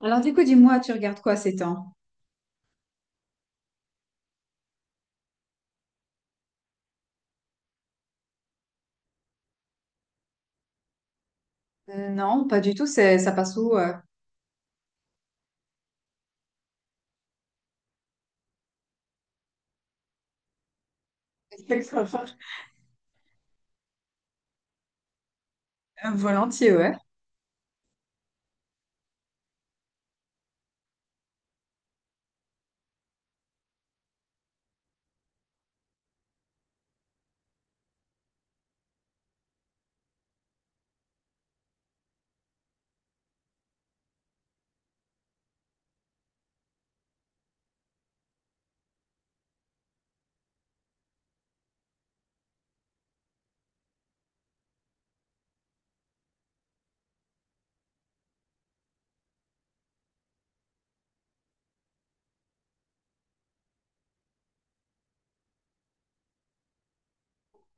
Alors du coup, dis-moi, tu regardes quoi ces temps? Non, pas du tout, ça passe où? Volontiers, ouais.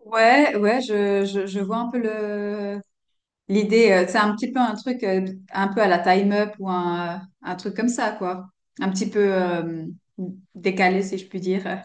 Ouais, ouais, je vois un peu le l'idée. C'est un petit peu un truc un peu à la Time Up ou un truc comme ça, quoi. Un petit peu décalé, si je puis dire.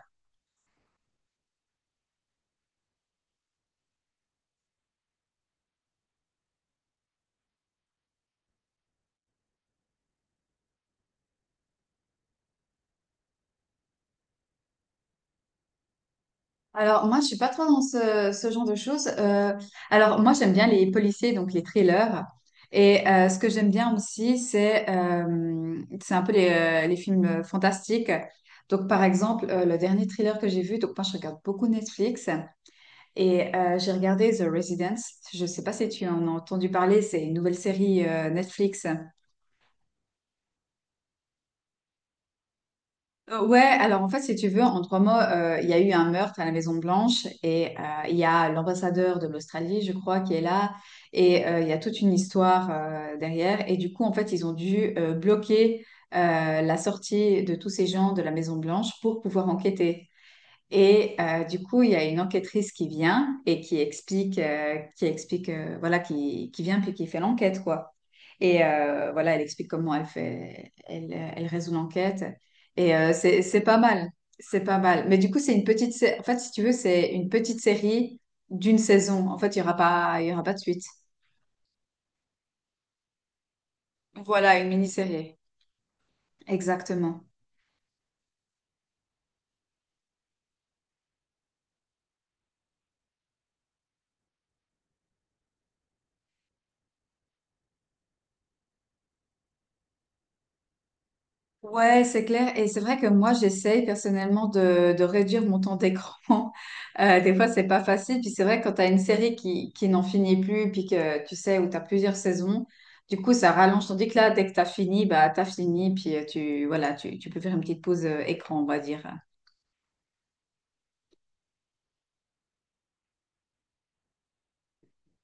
Alors, moi, je suis pas trop dans ce genre de choses. Alors, moi, j'aime bien les policiers, donc les thrillers. Et ce que j'aime bien aussi, c'est un peu les films fantastiques. Donc, par exemple, le dernier thriller que j'ai vu, donc moi, je regarde beaucoup Netflix et j'ai regardé The Residence. Je sais pas si tu en as entendu parler, c'est une nouvelle série Netflix. Ouais, alors en fait, si tu veux, en trois mots, il y a eu un meurtre à la Maison Blanche et il y a l'ambassadeur de l'Australie, je crois, qui est là et il y a toute une histoire derrière. Et du coup, en fait, ils ont dû bloquer la sortie de tous ces gens de la Maison Blanche pour pouvoir enquêter. Et du coup, il y a une enquêtrice qui vient et qui explique, voilà, qui vient puis qui fait l'enquête, quoi. Et voilà, elle explique comment elle fait, elle résout l'enquête. Et c'est, c'est pas mal. Mais du coup, c'est une petite, sé- en fait, si tu veux, c'est une petite série d'une saison. En fait, il y aura pas de suite. Voilà, une mini-série. Exactement. Ouais, c'est clair. Et c'est vrai que moi, j'essaye personnellement de réduire mon temps d'écran. Des fois, c'est pas facile. Puis c'est vrai que quand tu as une série qui n'en finit plus, puis que tu sais, où tu as plusieurs saisons, du coup, ça rallonge. Tandis que là, dès que tu as fini, bah, tu as fini. Puis voilà, tu peux faire une petite pause écran, on va dire.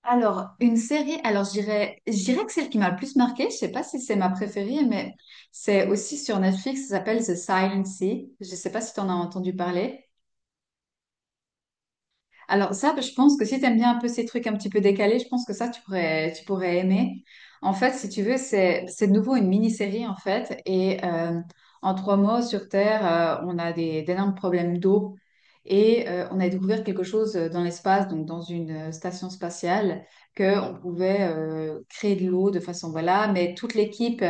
Alors, une série, je dirais que celle qui m'a le plus marquée, je sais pas si c'est ma préférée, mais c'est aussi sur Netflix, ça s'appelle The Silent Sea. Je sais pas si tu en as entendu parler. Alors ça, je pense que si tu aimes bien un peu ces trucs un petit peu décalés, je pense que ça, tu pourrais aimer. En fait, si tu veux, c'est de nouveau une mini-série, en fait. Et en trois mois sur Terre, on a des, d'énormes problèmes d'eau. Et on a découvert quelque chose dans l'espace, donc dans une station spatiale, qu'on pouvait créer de l'eau de façon, voilà, mais toute l'équipe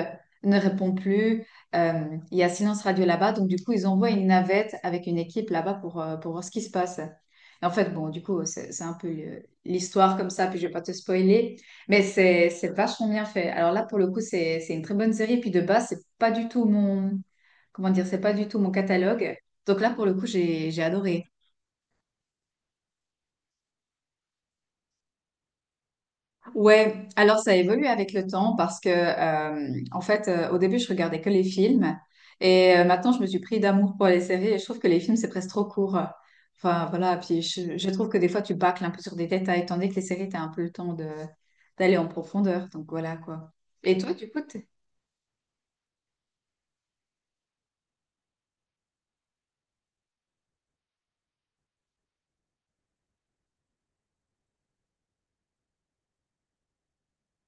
ne répond plus. Euh, il y a silence radio là-bas, donc du coup, ils envoient une navette avec une équipe là-bas pour voir ce qui se passe. Et en fait, bon, du coup, c'est un peu l'histoire comme ça, puis je vais pas te spoiler, mais c'est vachement bien fait. Alors là, pour le coup, c'est une très bonne série, puis de base, c'est pas du tout mon catalogue. Donc là, pour le coup, j'ai adoré. Ouais, alors ça évolue avec le temps parce que, au début, je regardais que les films et maintenant, je me suis pris d'amour pour les séries et je trouve que les films, c'est presque trop court. Enfin, voilà, puis je trouve que des fois, tu bâcles un peu sur des détails, tandis que les séries, tu as un peu le temps de d'aller en profondeur. Donc voilà quoi. Et toi, du coup, t'es-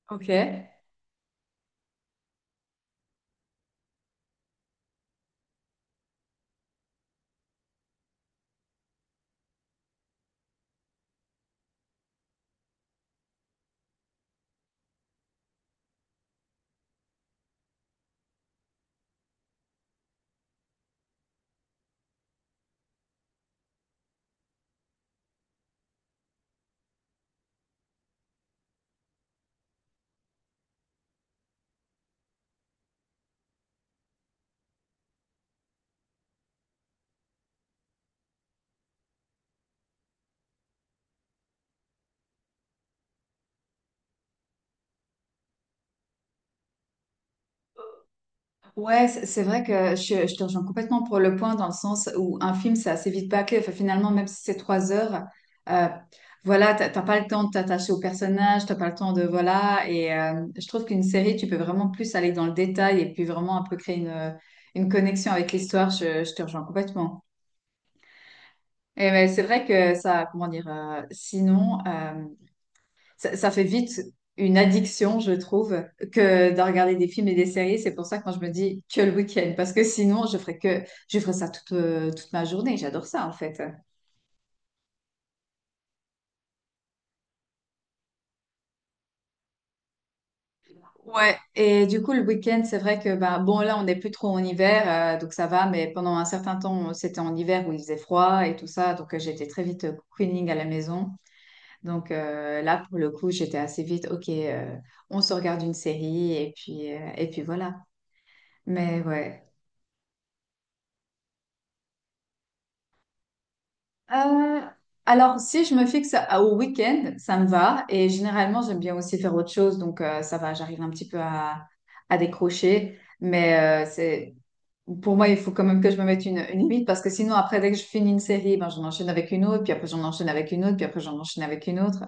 ok. Ouais, c'est je te rejoins complètement pour le point dans le sens où un film, c'est assez vite bâclé. Enfin, finalement, même si c'est trois heures, euh, voilà, t'as pas le temps de t'attacher au personnage, t'as pas le temps de, voilà. Et je trouve qu'une série, tu peux vraiment plus aller dans le détail et puis vraiment un peu créer une connexion avec l'histoire. Je te rejoins complètement. Et mais c'est vrai que ça, ça fait vite une addiction, je trouve, que de regarder des films et des séries. C'est pour ça que quand je me dis que le week-end, parce que sinon, je ferais ça toute, toute ma journée. J'adore ça, en fait. Ouais. Et du coup, le week-end, c'est vrai que, bah, bon, là, on n'est plus trop en hiver, donc ça va, mais pendant un certain temps, c'était en hiver où il faisait froid et tout ça, donc j'étais très vite cocooning à la maison. Donc là, pour le coup, j'étais assez vite, ok, on se regarde une série et puis voilà. Mais ouais. Euh, alors, si je me fixe au week-end, ça me va. Et généralement, j'aime bien aussi faire autre chose. Donc, ça va, j'arrive un petit peu à décrocher. Mais pour moi, il faut quand même que je me mette une limite parce que sinon, après, dès que je finis une série, ben, j'en enchaîne avec une autre, puis après, j'en enchaîne avec une autre, puis après, j'en enchaîne avec une autre.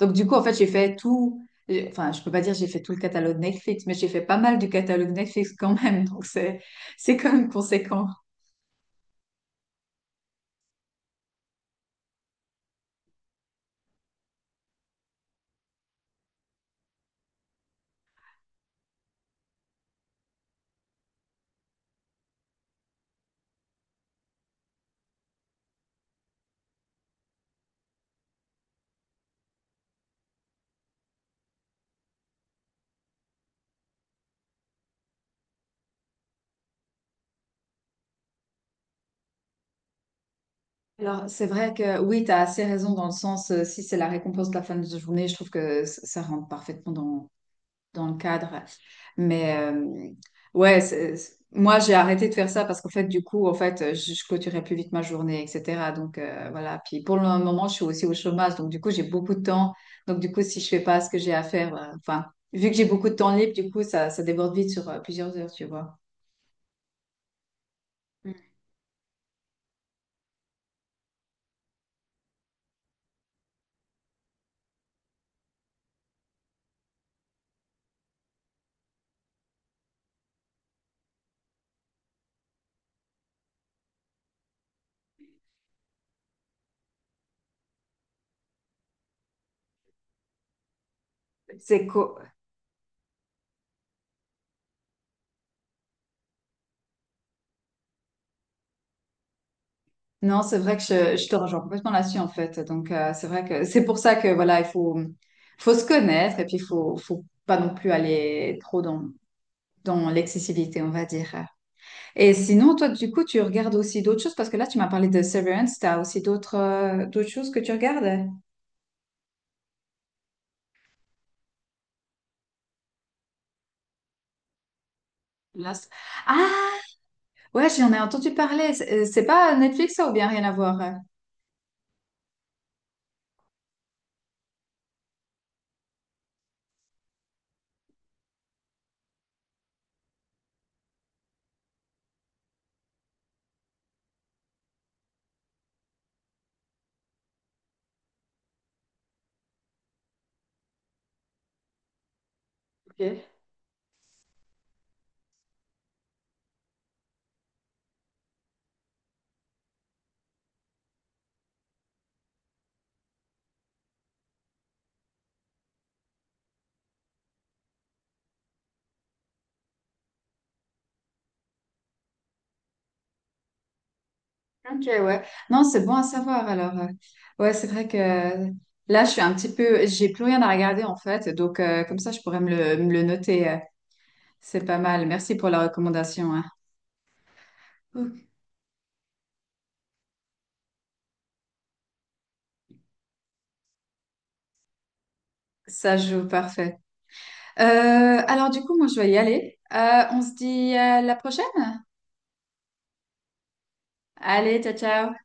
Donc, du coup, en fait, j'ai fait tout. J'ai- Enfin, je peux pas dire j'ai fait tout le catalogue Netflix, mais j'ai fait pas mal du catalogue Netflix quand même. Donc, c'est quand même conséquent. Alors, c'est vrai que oui, tu as assez raison dans le sens, si c'est la récompense de la fin de journée, je trouve que ça rentre parfaitement dans le cadre. Mais euh, ouais, moi, j'ai arrêté de faire ça parce qu'en fait, je clôturais plus vite ma journée, etc. Donc, voilà. Puis pour le moment, je suis aussi au chômage. Donc, du coup, j'ai beaucoup de temps. Donc, du coup, si je fais pas ce que j'ai à faire, enfin, vu que j'ai beaucoup de temps libre, du coup, ça déborde vite sur plusieurs heures, tu vois. Mm. C'est cool. Non, c'est vrai que je te rejoins complètement là-dessus en fait. Donc c'est vrai que c'est pour ça que voilà, il faut faut se connaître et puis il faut faut pas non plus aller trop dans dans l'excessivité, on va dire. Et sinon, toi, du coup, tu regardes aussi d'autres choses parce que là, tu m'as parlé de Severance. T'as aussi d'autres d'autres choses que tu regardes? Là, ah, ouais, j'en ai entendu parler. C'est pas Netflix ça ou bien rien à voir? Ok. Ok, ouais. Non, c'est bon à savoir. Alors, ouais, c'est vrai que là, je suis un petit peu, j'ai plus rien à regarder en fait. Donc, comme ça, je pourrais me le noter. C'est pas mal. Merci pour la recommandation, hein. Ouh, ça joue parfait. Alors, du coup, moi, je vais y aller. On se dit à la prochaine. Allez, ciao, ciao.